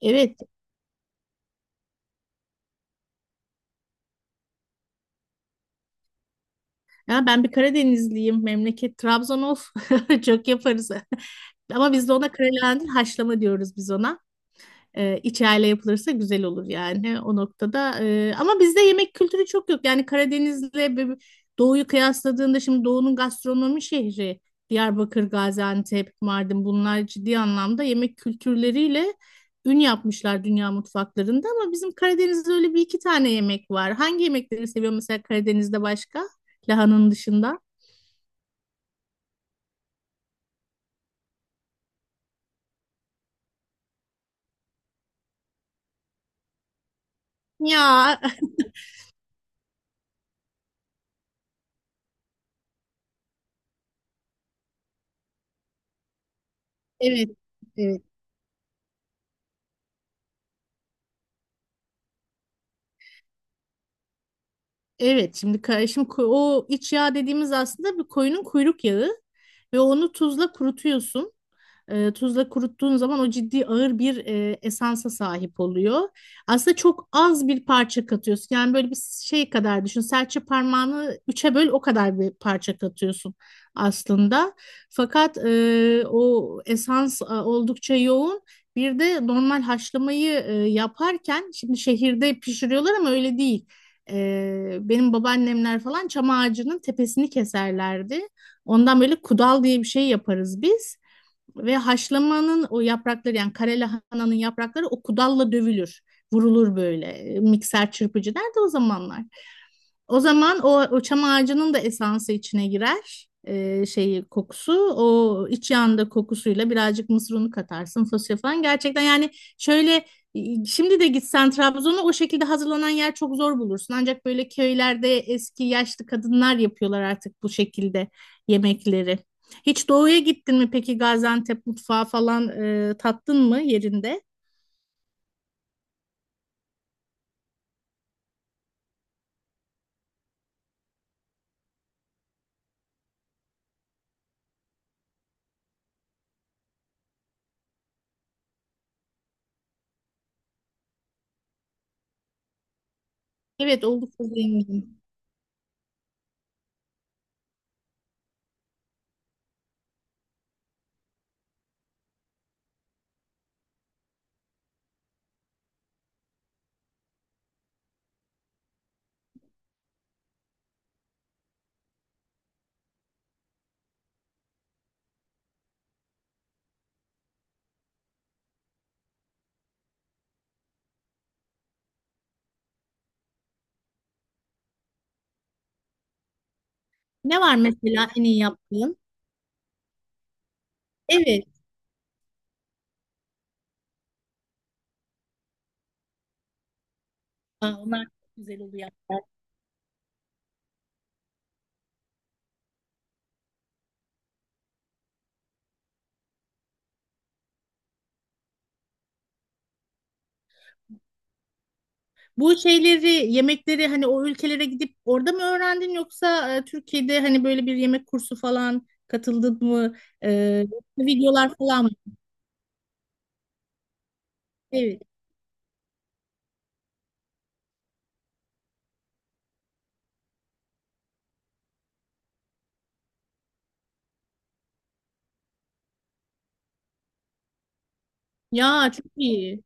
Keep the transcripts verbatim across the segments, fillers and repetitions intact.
Evet. Ya ben bir Karadenizliyim. Memleket Trabzon of. Çok yaparız. Ama biz de ona karalahandın haşlama diyoruz biz ona. E, içerle yapılırsa güzel olur yani o noktada. E, ama bizde yemek kültürü çok yok. Yani Karadeniz'le ve Doğu'yu kıyasladığında şimdi Doğu'nun gastronomi şehri Diyarbakır, Gaziantep, Mardin bunlar ciddi anlamda yemek kültürleriyle ün yapmışlar dünya mutfaklarında ama bizim Karadeniz'de öyle bir iki tane yemek var. Hangi yemekleri seviyor mesela Karadeniz'de başka? Lahananın dışında. Ya, evet. Evet. Evet, şimdi ka- şimdi ko- o iç yağ dediğimiz aslında bir koyunun kuyruk yağı ve onu tuzla kurutuyorsun. E, tuzla kuruttuğun zaman o ciddi ağır bir e, esansa sahip oluyor. Aslında çok az bir parça katıyorsun. Yani böyle bir şey kadar düşün. Serçe parmağını üçe böl o kadar bir parça katıyorsun aslında. Fakat e, o esans e, oldukça yoğun. Bir de normal haşlamayı e, yaparken şimdi şehirde pişiriyorlar ama öyle değil. E, benim babaannemler falan çam ağacının tepesini keserlerdi. Ondan böyle kudal diye bir şey yaparız biz. Ve haşlamanın o yaprakları yani kare lahananın yaprakları o kudalla dövülür. Vurulur böyle. E, Mikser çırpıcı nerede o zamanlar? O zaman o, o çam ağacının da esansı içine girer. Ee, şeyi kokusu o iç yanda kokusuyla birazcık mısır unu katarsın fasulye falan gerçekten yani şöyle e, şimdi de gitsen Trabzon'a o şekilde hazırlanan yer çok zor bulursun ancak böyle köylerde eski yaşlı kadınlar yapıyorlar artık bu şekilde yemekleri. Hiç doğuya gittin mi peki? Gaziantep mutfağı falan e, tattın mı yerinde? Evet, oldukça zengin. Ne var mesela en iyi yaptığın? Evet. Aa, onlar çok güzel oluyor. Bu şeyleri, yemekleri hani o ülkelere gidip orada mı öğrendin yoksa e, Türkiye'de hani böyle bir yemek kursu falan katıldın mı? E, Yoksa videolar falan mı? Evet. Ya çok iyi.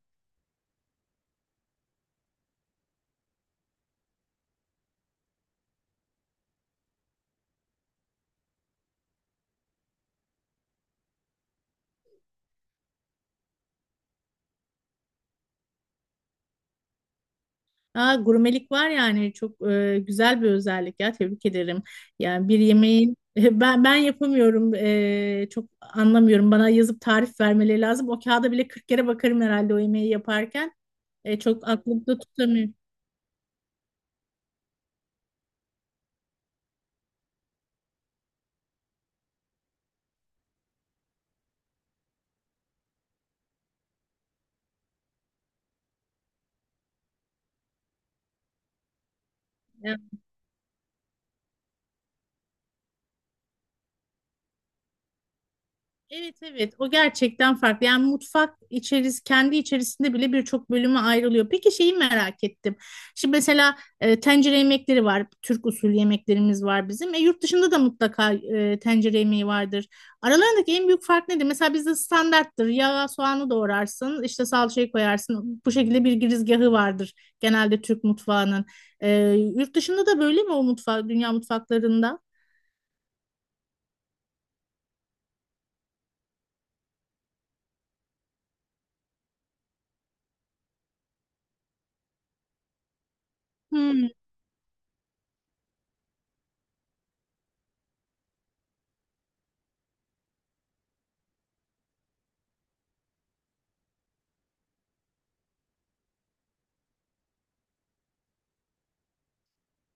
Aa, gurmelik var yani çok e, güzel bir özellik ya, tebrik ederim. Yani bir yemeğin ben ben yapamıyorum, e, çok anlamıyorum. Bana yazıp tarif vermeleri lazım. O kağıda bile kırk kere bakarım herhalde o yemeği yaparken. E, çok aklımda tutamıyorum. Evet evet, o gerçekten farklı. Yani mutfak içeris kendi içerisinde bile birçok bölüme ayrılıyor. Peki şeyi merak ettim. Şimdi mesela e, tencere yemekleri var. Türk usulü yemeklerimiz var bizim. E, yurt dışında da mutlaka e, tencere yemeği vardır. Aralarındaki en büyük fark nedir? Mesela bizde standarttır. Yağ, soğanı doğrarsın, işte salçayı koyarsın. Bu şekilde bir girizgahı vardır genelde Türk mutfağının. E, Yurt dışında da böyle mi o mutfak, dünya mutfaklarında? Hmm,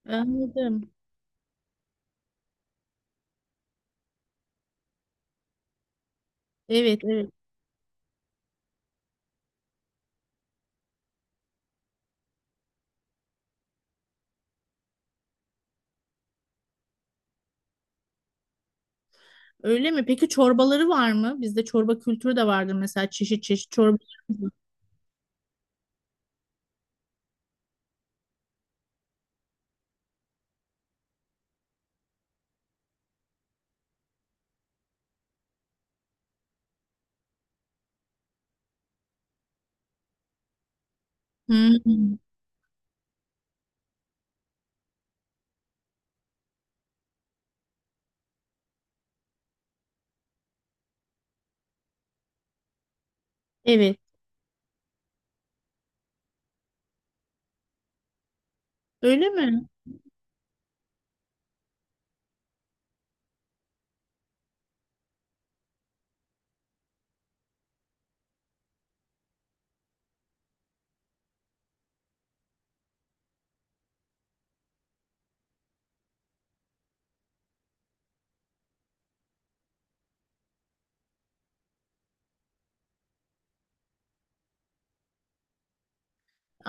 anladım. Evet, evet. Öyle mi? Peki çorbaları var mı? Bizde çorba kültürü de vardır mesela, çeşit çeşit çorba. Hmm. Evet. Öyle mi?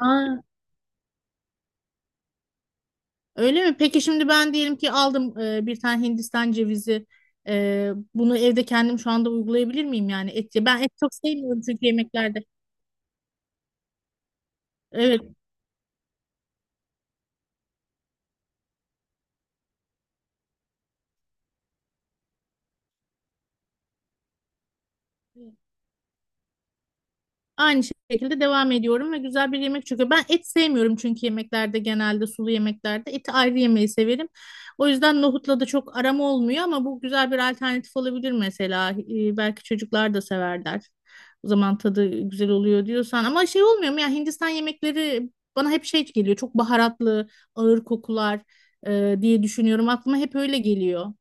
Aa, öyle mi? Peki şimdi ben diyelim ki aldım e, bir tane Hindistan cevizi. E, bunu evde kendim şu anda uygulayabilir miyim yani et? Ben et çok sevmiyorum çünkü yemeklerde. Evet. Aynı şekilde devam ediyorum ve güzel bir yemek çıkıyor. Ben et sevmiyorum çünkü yemeklerde, genelde sulu yemeklerde eti ayrı yemeyi severim. O yüzden nohutla da çok aram olmuyor ama bu güzel bir alternatif olabilir mesela. Ee, belki çocuklar da severler. O zaman tadı güzel oluyor diyorsan ama şey olmuyor mu ya, Hindistan yemekleri bana hep şey geliyor. Çok baharatlı, ağır kokular e, diye düşünüyorum. Aklıma hep öyle geliyor.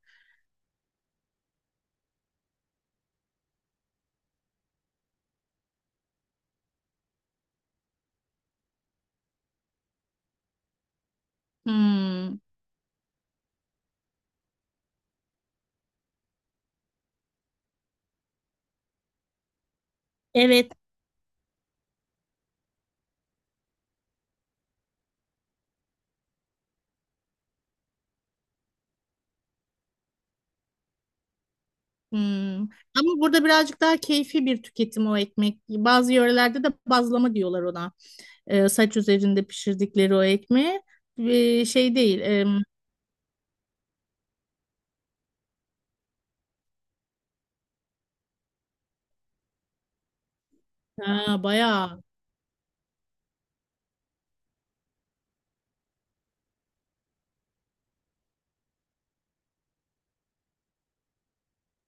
Hmm. Evet. Hmm. Ama burada birazcık daha keyfi bir tüketim o ekmek. Bazı yörelerde de bazlama diyorlar ona. Ee, saç üzerinde pişirdikleri o ekmeği. Ee, şey değil. Em, ha, bayağı.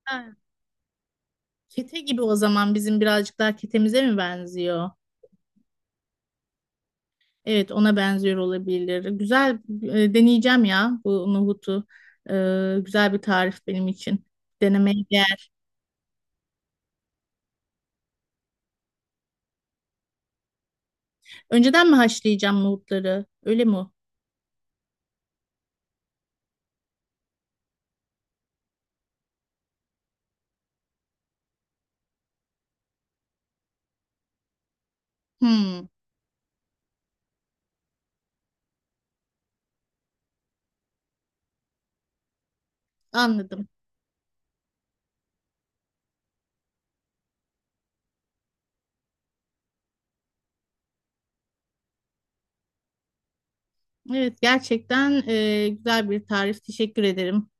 Ha, kete gibi o zaman, bizim birazcık daha ketemize mi benziyor? Evet, ona benziyor olabilir. Güzel, e, deneyeceğim ya bu nohutu. Ee, güzel bir tarif benim için. Denemeye değer. Önceden mi haşlayacağım nohutları? Öyle mi? Hmm, anladım. Evet, gerçekten e, güzel bir tarif. Teşekkür ederim.